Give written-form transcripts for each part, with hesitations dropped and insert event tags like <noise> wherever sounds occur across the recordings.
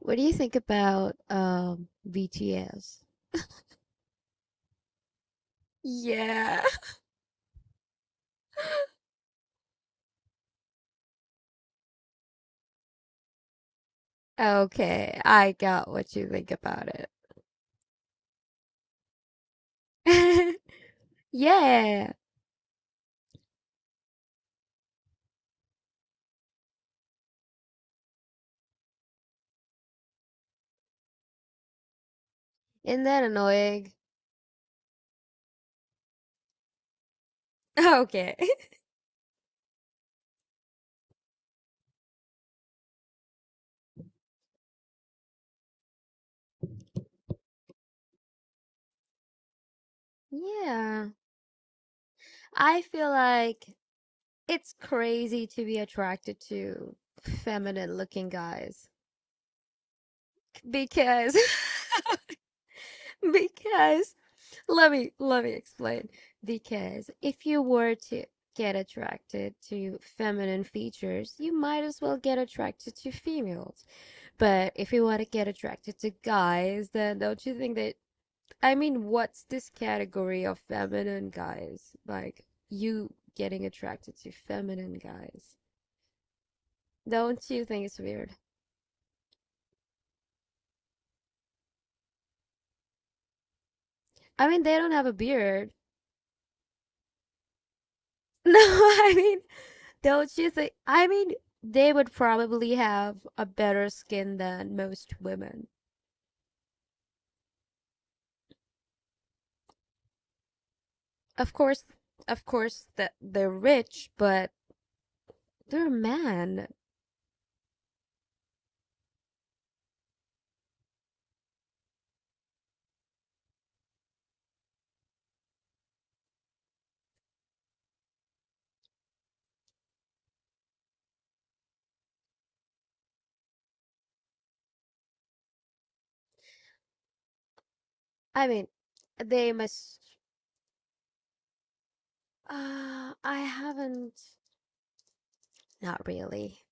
What do you think about BTS? Yeah. Okay, I got what you think about it. <laughs> Yeah, isn't that annoying? Okay. <laughs> Yeah, I feel like it's crazy to be attracted to feminine looking guys because <laughs> because Let me explain. Because if you were to get attracted to feminine features, you might as well get attracted to females. But if you want to get attracted to guys, then don't you think that, I mean, what's this category of feminine guys? Like you getting attracted to feminine guys. Don't you think it's weird? I mean, they don't have a beard. <laughs> No, I mean, don't you think? I mean, they would probably have a better skin than most women. Of course, of course that they're rich, but they're men. I mean, they must. I haven't. Not really,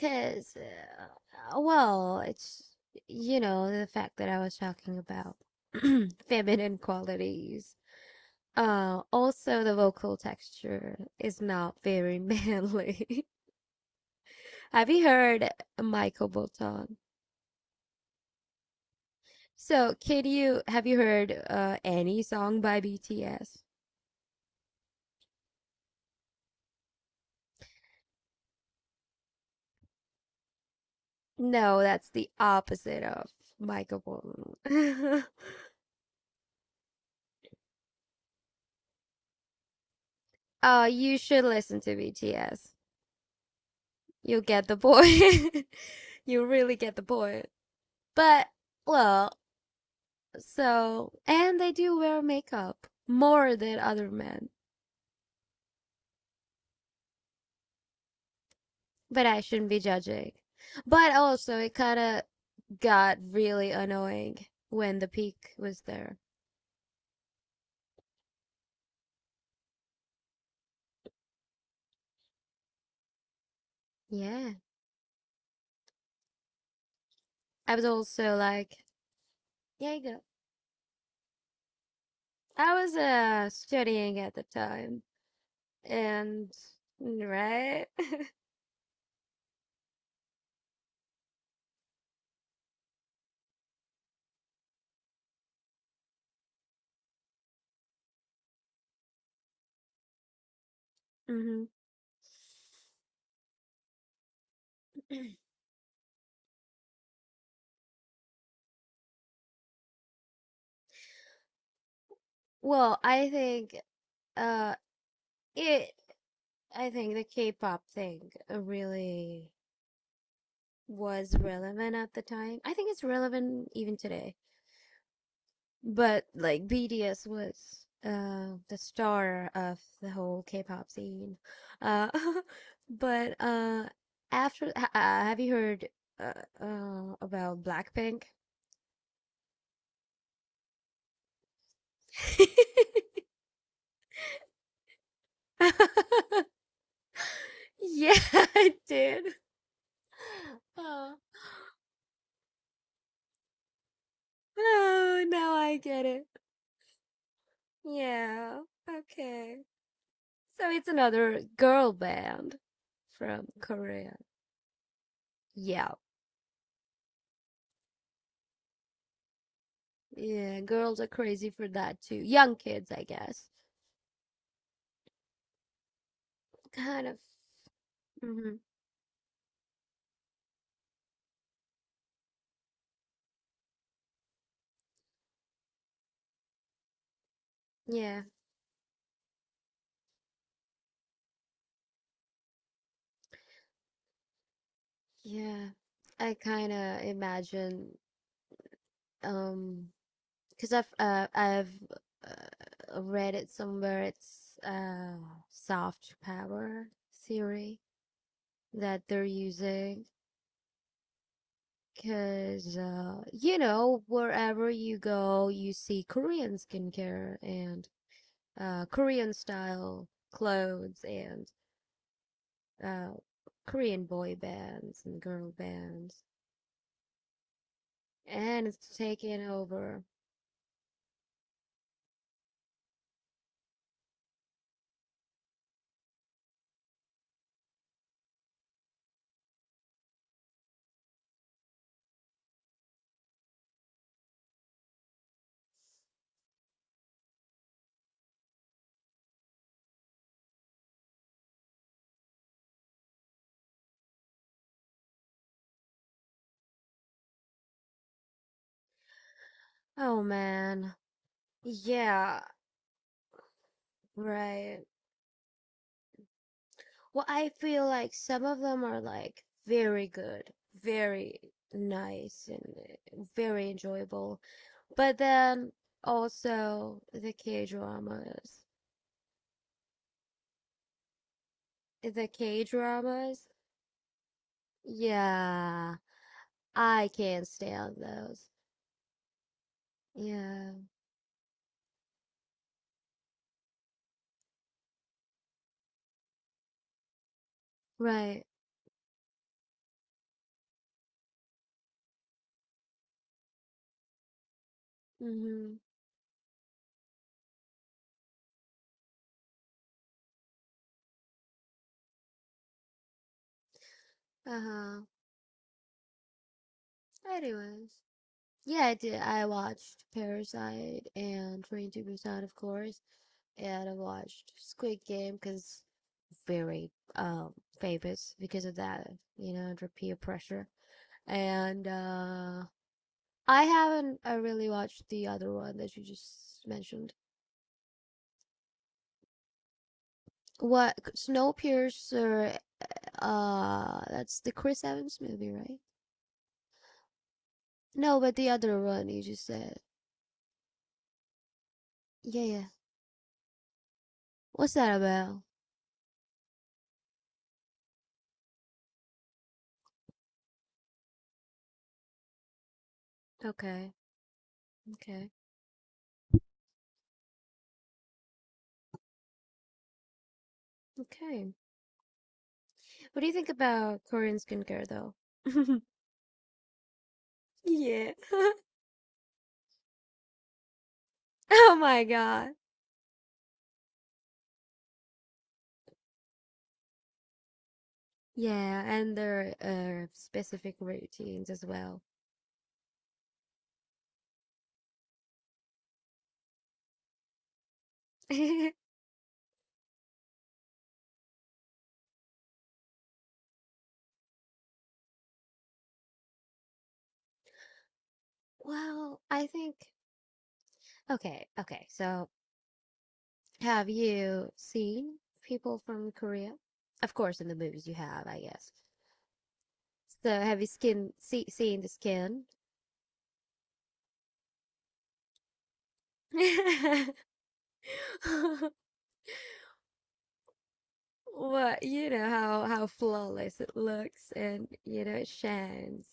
cause well, it's the fact that I was talking about <clears throat> feminine qualities. Also the vocal texture is not very <laughs> manly. Have you heard Michael Bolton? So, can you have you heard any song by BTS? No, that's the opposite of Michael Bolton. <laughs> You should listen to BTS. You'll get the point. <laughs> You really get the point. But, well, so, and they do wear makeup more than other men. But I shouldn't be judging. But also, it kind of got really annoying when the peak was there. Yeah, I was also like, yeah, you go. I was studying at the time, and right. <laughs> Hmm. <clears throat> Well, uh it I think the K-pop thing really was relevant at the time. I think it's relevant even today. But like BTS was the star of the whole K-pop scene. Uh <laughs> but after ha have you heard uh, about Blackpink? <laughs> Yeah, I did. Oh. Oh, now I get it. Yeah. Okay. So it's another girl band from Korea. Yeah. Yeah, girls are crazy for that too. Young kids, I guess. Kind of. Hmm. Yeah, yeah. I kind of imagine, um, because I've read it somewhere. It's soft power theory that they're using. Because wherever you go, you see Korean skincare and Korean style clothes and uh, Korean boy bands and girl bands, and it's taking over. Oh man, yeah, right. Well, I feel like some of them are like very good, very nice, and very enjoyable, but then also the K dramas. The K dramas, yeah, I can't stand those. Yeah, right. Mm-hmm. Uh-huh. Anyways. Yeah, I did. I watched Parasite and 22%, of course, and I watched Squid Game because very famous because of that, under peer pressure. And I haven't, I really watched the other one that you just mentioned. What, Snowpiercer? That's the Chris Evans movie, right? No, but the other one you just said. Yeah, yeah. What's that about? Okay, okay, okay. What do you think about Korean skincare though? <laughs> Yeah. <laughs> Oh my God. Yeah, and their specific routines as well. <laughs> Well, I think, okay, okay. So, have you seen people from Korea? Of course, in the movies you have, I guess. So, have you seen the skin? <laughs> What? You know how flawless it looks, and you know it shines.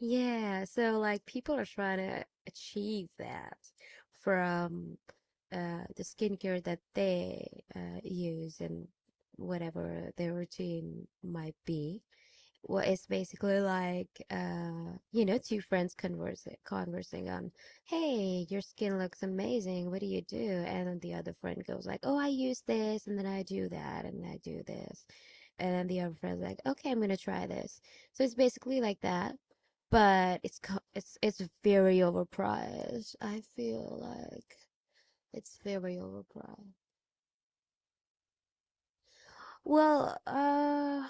Yeah, so like people are trying to achieve that from the skincare that they use and whatever their routine might be. Well, it's basically like two friends conversing on, "Hey, your skin looks amazing. What do you do?" And then the other friend goes like, "Oh, I use this, and then I do that, and I do this." And then the other friend's like, "Okay, I'm gonna try this." So it's basically like that, but it's very overpriced. I feel like it's very overpriced. Well,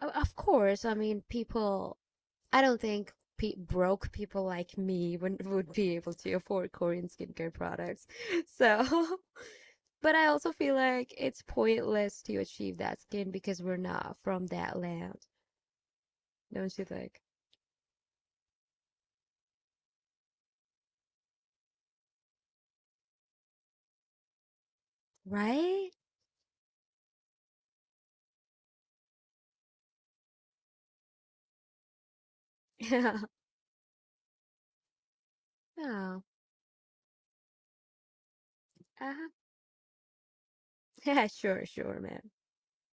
of course. I mean, people. I don't think broke people like me would be able to afford Korean skincare products. So, <laughs> but I also feel like it's pointless to achieve that skin because we're not from that land, don't you think? Right? <laughs> Yeah. Oh. Uh-huh. <laughs> Yeah. Sure. Sure, man.